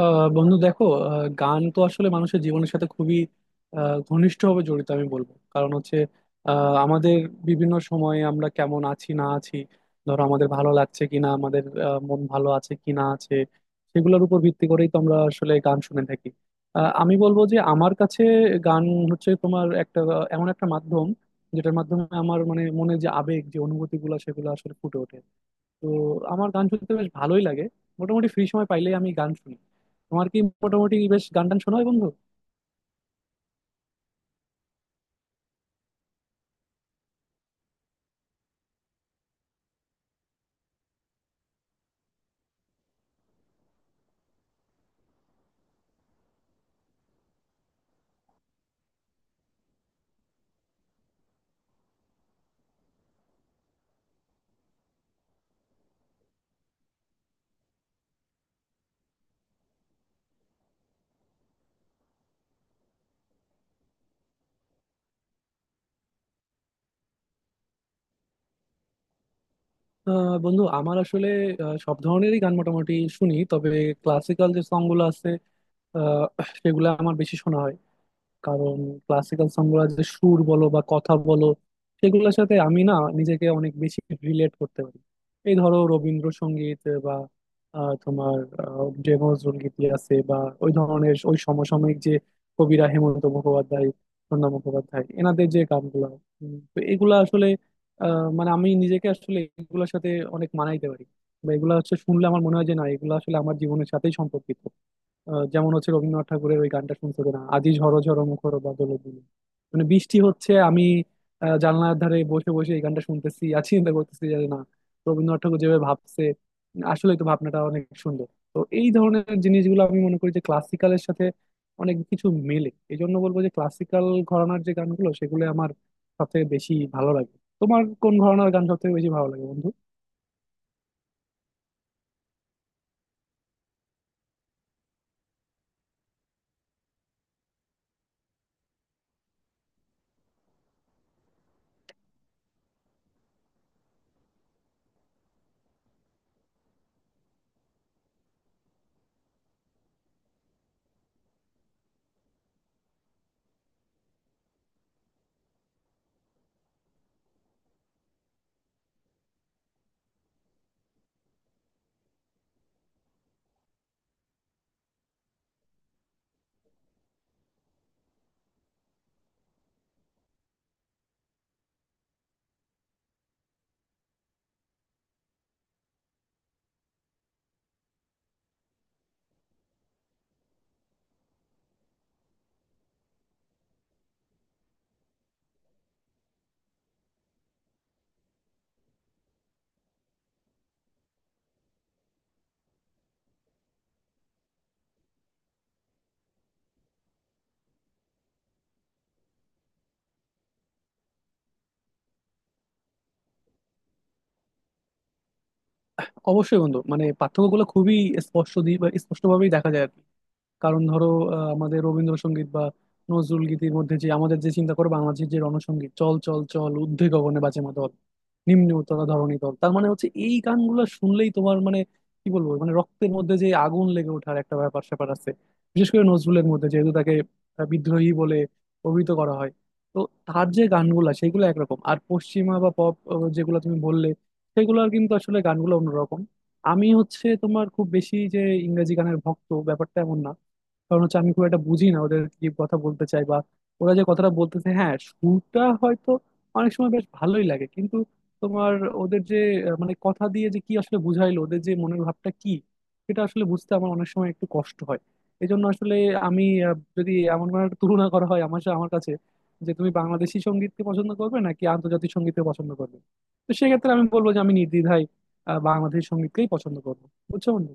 বন্ধু, দেখো। গান তো আসলে মানুষের জীবনের সাথে খুবই ঘনিষ্ঠভাবে জড়িত আমি বলবো। কারণ হচ্ছে আমাদের বিভিন্ন সময়ে আমরা কেমন আছি না আছি, ধরো আমাদের ভালো লাগছে কিনা, আমাদের মন ভালো আছে কি না আছে, সেগুলোর উপর ভিত্তি করেই তো আমরা আসলে গান শুনে থাকি। আমি বলবো যে আমার কাছে গান হচ্ছে তোমার একটা এমন একটা মাধ্যম, যেটার মাধ্যমে আমার মানে মনে যে আবেগ যে অনুভূতিগুলো সেগুলো আসলে ফুটে ওঠে। তো আমার গান শুনতে বেশ ভালোই লাগে। মোটামুটি ফ্রি সময় পাইলেই আমি গান শুনি। তোমার কি মোটামুটি বেশ গান টান শোনা হয় বন্ধু? বন্ধু, আমার আসলে সব ধরনেরই গান মোটামুটি শুনি, তবে ক্লাসিক্যাল যে সং গুলো আছে আহ, সেগুলো আমার বেশি শোনা হয়। কারণ ক্লাসিক্যাল সংগুলো যে সুর বলো বা কথা বলো, সেগুলোর সাথে আমি না নিজেকে অনেক বেশি রিলেট করতে পারি। এই ধরো রবীন্দ্রসঙ্গীত বা তোমার যে নজরুল গীতি আছে, বা ওই ধরনের, ওই সমসাময়িক যে কবিরা হেমন্ত মুখোপাধ্যায়, প্রণব মুখোপাধ্যায়, এনাদের যে গানগুলো। তো এগুলা আসলে মানে আমি নিজেকে আসলে এগুলোর সাথে অনেক মানাইতে পারি, বা এগুলা হচ্ছে শুনলে আমার মনে হয় যে না এগুলো আসলে আমার জীবনের সাথেই সম্পর্কিত। যেমন হচ্ছে রবীন্দ্রনাথ ঠাকুরের ওই গানটা শুনছো কিনা, আজি ঝরো ঝরো মুখর বাদল দিনে। মানে বৃষ্টি হচ্ছে, আমি জানলার ধারে বসে বসে এই গানটা শুনতেছি আর চিন্তা করতেছি যে না, রবীন্দ্রনাথ ঠাকুর যেভাবে ভাবছে আসলে তো ভাবনাটা অনেক সুন্দর। তো এই ধরনের জিনিসগুলো আমি মনে করি যে ক্লাসিক্যালের সাথে অনেক কিছু মেলে। এই জন্য বলবো যে ক্লাসিক্যাল ঘরানার যে গানগুলো সেগুলো আমার সবথেকে বেশি ভালো লাগে। তোমার কোন ঘরানার গান সবথেকে বেশি ভালো লাগে বন্ধু? অবশ্যই বন্ধু, মানে পার্থক্যগুলো খুবই স্পষ্ট দিয়ে স্পষ্টভাবেই দেখা যায় আর কি। কারণ ধরো আমাদের রবীন্দ্রসঙ্গীত বা নজরুল গীতির মধ্যে যে, আমাদের যে চিন্তা করো বাংলাদেশের যে রণসঙ্গীত, চল চল চল ঊর্ধ্বে গগনে বাজে মাদল নিম্নে উতলা ধরণী তল, তার মানে হচ্ছে এই গানগুলো শুনলেই তোমার মানে কি বলবো মানে রক্তের মধ্যে যে আগুন লেগে ওঠার একটা ব্যাপার স্যাপার আছে। বিশেষ করে নজরুলের মধ্যে, যেহেতু তাকে বিদ্রোহী বলে অভিহিত করা হয়। তো তার যে গানগুলা সেগুলো একরকম, আর পশ্চিমা বা পপ যেগুলো তুমি বললে সেগুলোর কিন্তু আসলে গানগুলো অন্যরকম। আমি হচ্ছে তোমার খুব বেশি যে ইংরেজি গানের ভক্ত, ব্যাপারটা এমন না। কারণ হচ্ছে আমি খুব একটা বুঝি না ওদের কি কথা বলতে চাই, বা ওরা যে কথাটা বলতেছে। হ্যাঁ, সুরটা হয়তো অনেক সময় বেশ ভালোই লাগে, কিন্তু তোমার ওদের যে মানে কথা দিয়ে যে কি আসলে বুঝাইলো, ওদের যে মনের ভাবটা কি সেটা আসলে বুঝতে আমার অনেক সময় একটু কষ্ট হয়। এই জন্য আসলে আমি যদি এমন কোনো একটা তুলনা করা হয় আমার আমার কাছে যে তুমি বাংলাদেশি সঙ্গীতকে পছন্দ করবে নাকি আন্তর্জাতিক সঙ্গীতকে পছন্দ করবে, তো সেক্ষেত্রে আমি বলবো যে আমি নির্দ্বিধায় বাংলাদেশি সঙ্গীতকেই পছন্দ করবো। বুঝছো বন্ধু?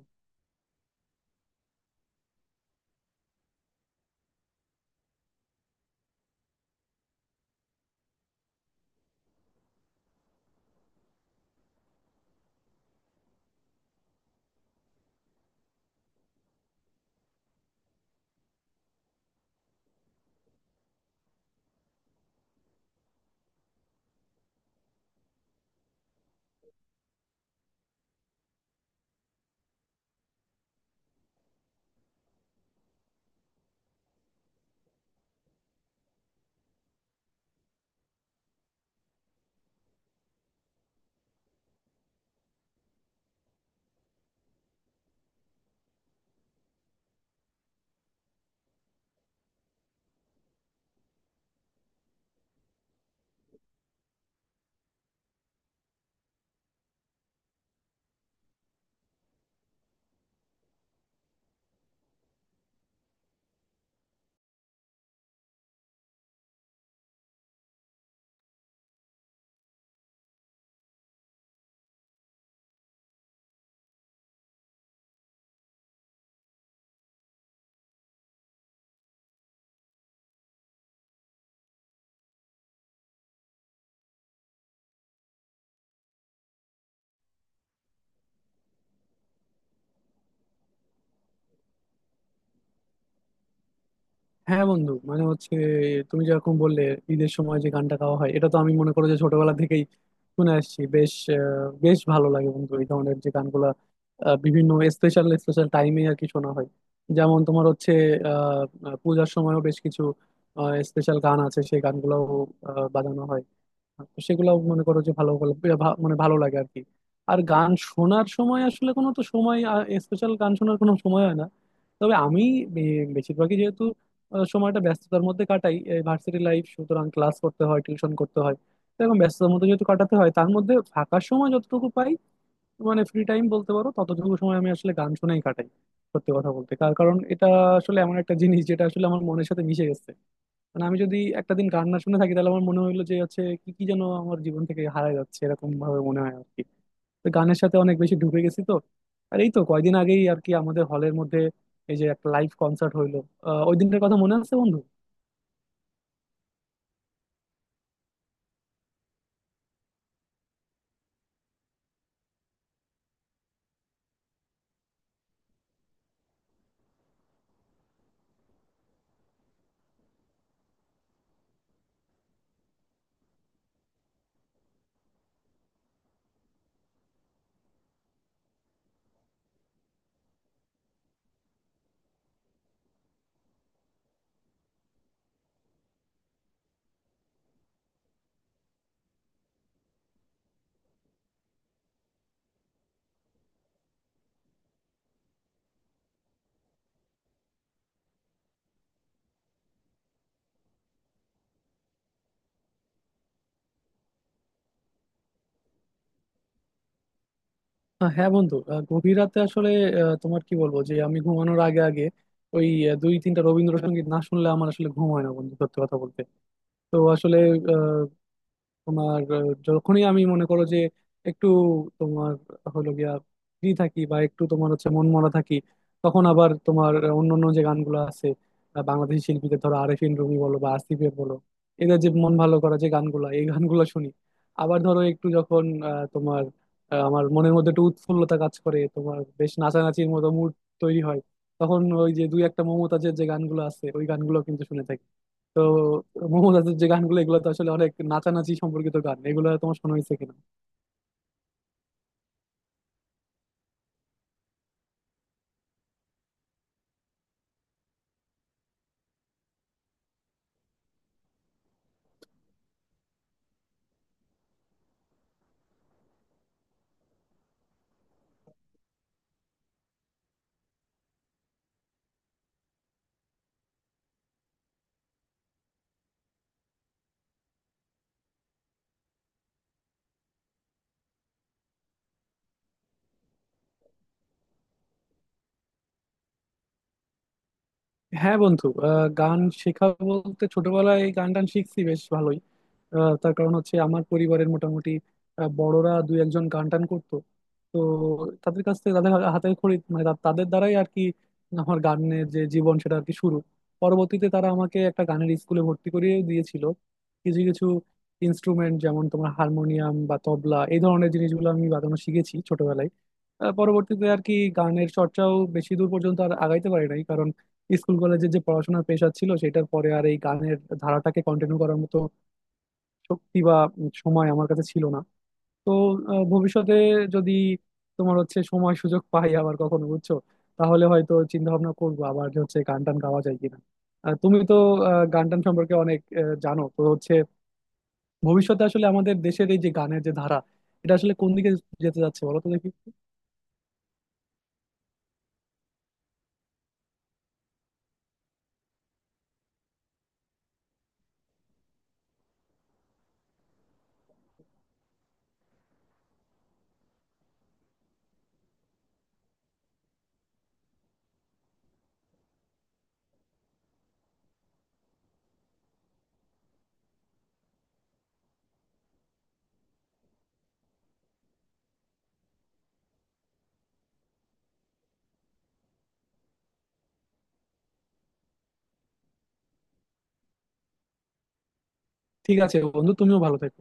হ্যাঁ বন্ধু, মানে হচ্ছে তুমি যেরকম বললে ঈদের সময় যে গানটা গাওয়া হয়, এটা তো আমি মনে করো যে ছোটবেলা থেকেই শুনে আসছি। বেশ ভালো লাগে বন্ধু। এই ধরনের যে গানগুলা বিভিন্ন স্পেশাল স্পেশাল টাইমে আর কি শোনা হয়। যেমন তোমার হচ্ছে আহ আহ, পূজার সময়ও বেশ কিছু স্পেশাল গান আছে, সেই গানগুলোও বাজানো হয়। তো সেগুলো মনে করো যে ভালো ভালো, এ মানে ভালো লাগে আর কি। আর গান শোনার সময় আসলে কোনো তো সময়, স্পেশাল গান শোনার কোনো সময় হয় না। তবে আমি বেশিরভাগই যেহেতু সময়টা ব্যস্ততার মধ্যে কাটাই, ভার্সিটি লাইফ, সুতরাং ক্লাস করতে হয়, টিউশন করতে হয়। তো এরকম ব্যস্ততার মধ্যে যেহেতু কাটাতে হয়, তার মধ্যে ফাঁকা সময় যতটুকু পাই, মানে ফ্রি টাইম বলতে পারো, ততটুকু সময় আমি আসলে গান শুনেই কাটাই। সত্যি কথা বলতে তার কারণ, এটা আসলে এমন একটা জিনিস যেটা আসলে আমার মনের সাথে মিশে গেছে। মানে আমি যদি একটা দিন গান না শুনে থাকি, তাহলে আমার মনে হইলো যে হচ্ছে কি কি যেন আমার জীবন থেকে হারায় যাচ্ছে, এরকম ভাবে মনে হয় আর কি। তো গানের সাথে অনেক বেশি ঢুকে গেছি তো। আর এই তো কয়দিন আগেই আর কি আমাদের হলের মধ্যে এই যে একটা লাইভ কনসার্ট হইলো, ওই দিনটার কথা মনে আছে বন্ধু? হ্যাঁ বন্ধু, গভীর রাতে আসলে তোমার কি বলবো, যে আমি ঘুমানোর আগে আগে ওই দুই তিনটা রবীন্দ্রসঙ্গীত না শুনলে আমার আসলে ঘুম হয় না বন্ধু, সত্যি কথা বলতে। তো আসলে তোমার যখনই আমি মনে করো যে একটু তোমার হলো গিয়া ফ্রি থাকি, বা একটু তোমার হচ্ছে মনমরা থাকি, তখন আবার তোমার অন্যান্য যে গানগুলো আছে বাংলাদেশি শিল্পীদের, ধরো আরেফিন রুমি বলো বা আসিফের বলো, এদের যে মন ভালো করা যে গানগুলো, এই গানগুলো শুনি। আবার ধরো একটু যখন তোমার আমার মনের মধ্যে একটু উৎফুল্লতা কাজ করে, তোমার বেশ নাচানাচির মতো মুড তৈরি হয়, তখন ওই যে দুই একটা মমতাজের যে গানগুলো আছে, ওই গানগুলো কিন্তু শুনে থাকি। তো মমতাজের যে গানগুলো এগুলো তো আসলে অনেক নাচানাচি সম্পর্কিত গান, এগুলো তোমার শোনা হয়েছে কিনা? হ্যাঁ বন্ধু, গান শেখা বলতে ছোটবেলায় গান টান শিখছি বেশ ভালোই। তার কারণ হচ্ছে আমার পরিবারের মোটামুটি বড়রা দুই একজন গান টান করতো। তো তাদের কাছ থেকে, তাদের হাতে খড়ি, মানে তাদের দ্বারাই আর কি আমার গানের যে জীবন সেটা আর কি শুরু। পরবর্তীতে তারা আমাকে একটা গানের স্কুলে ভর্তি করিয়ে দিয়েছিল। কিছু কিছু ইনস্ট্রুমেন্ট, যেমন তোমার হারমোনিয়াম বা তবলা, এই ধরনের জিনিসগুলো আমি বাজানো শিখেছি ছোটবেলায়। পরবর্তীতে আর কি গানের চর্চাও বেশি দূর পর্যন্ত আর আগাইতে পারি নাই। স্কুল কলেজে যে পড়াশোনার পেশা ছিল সেটার পরে আর এই গানের ধারাটাকে কন্টিনিউ করার মতো শক্তি বা সময় আমার কাছে ছিল না। তো ভবিষ্যতে যদি তোমার হচ্ছে সময় সুযোগ পাই আবার কখনো বুঝছো, তাহলে হয়তো চিন্তা ভাবনা করবো আবার যে হচ্ছে গান টান গাওয়া যায় কিনা। তুমি তো গান টান সম্পর্কে অনেক জানো, তো হচ্ছে ভবিষ্যতে আসলে আমাদের দেশের এই যে গানের যে ধারা, এটা আসলে কোন দিকে যেতে যাচ্ছে বলো তো দেখি? ঠিক আছে বন্ধু, তুমিও ভালো থেকো।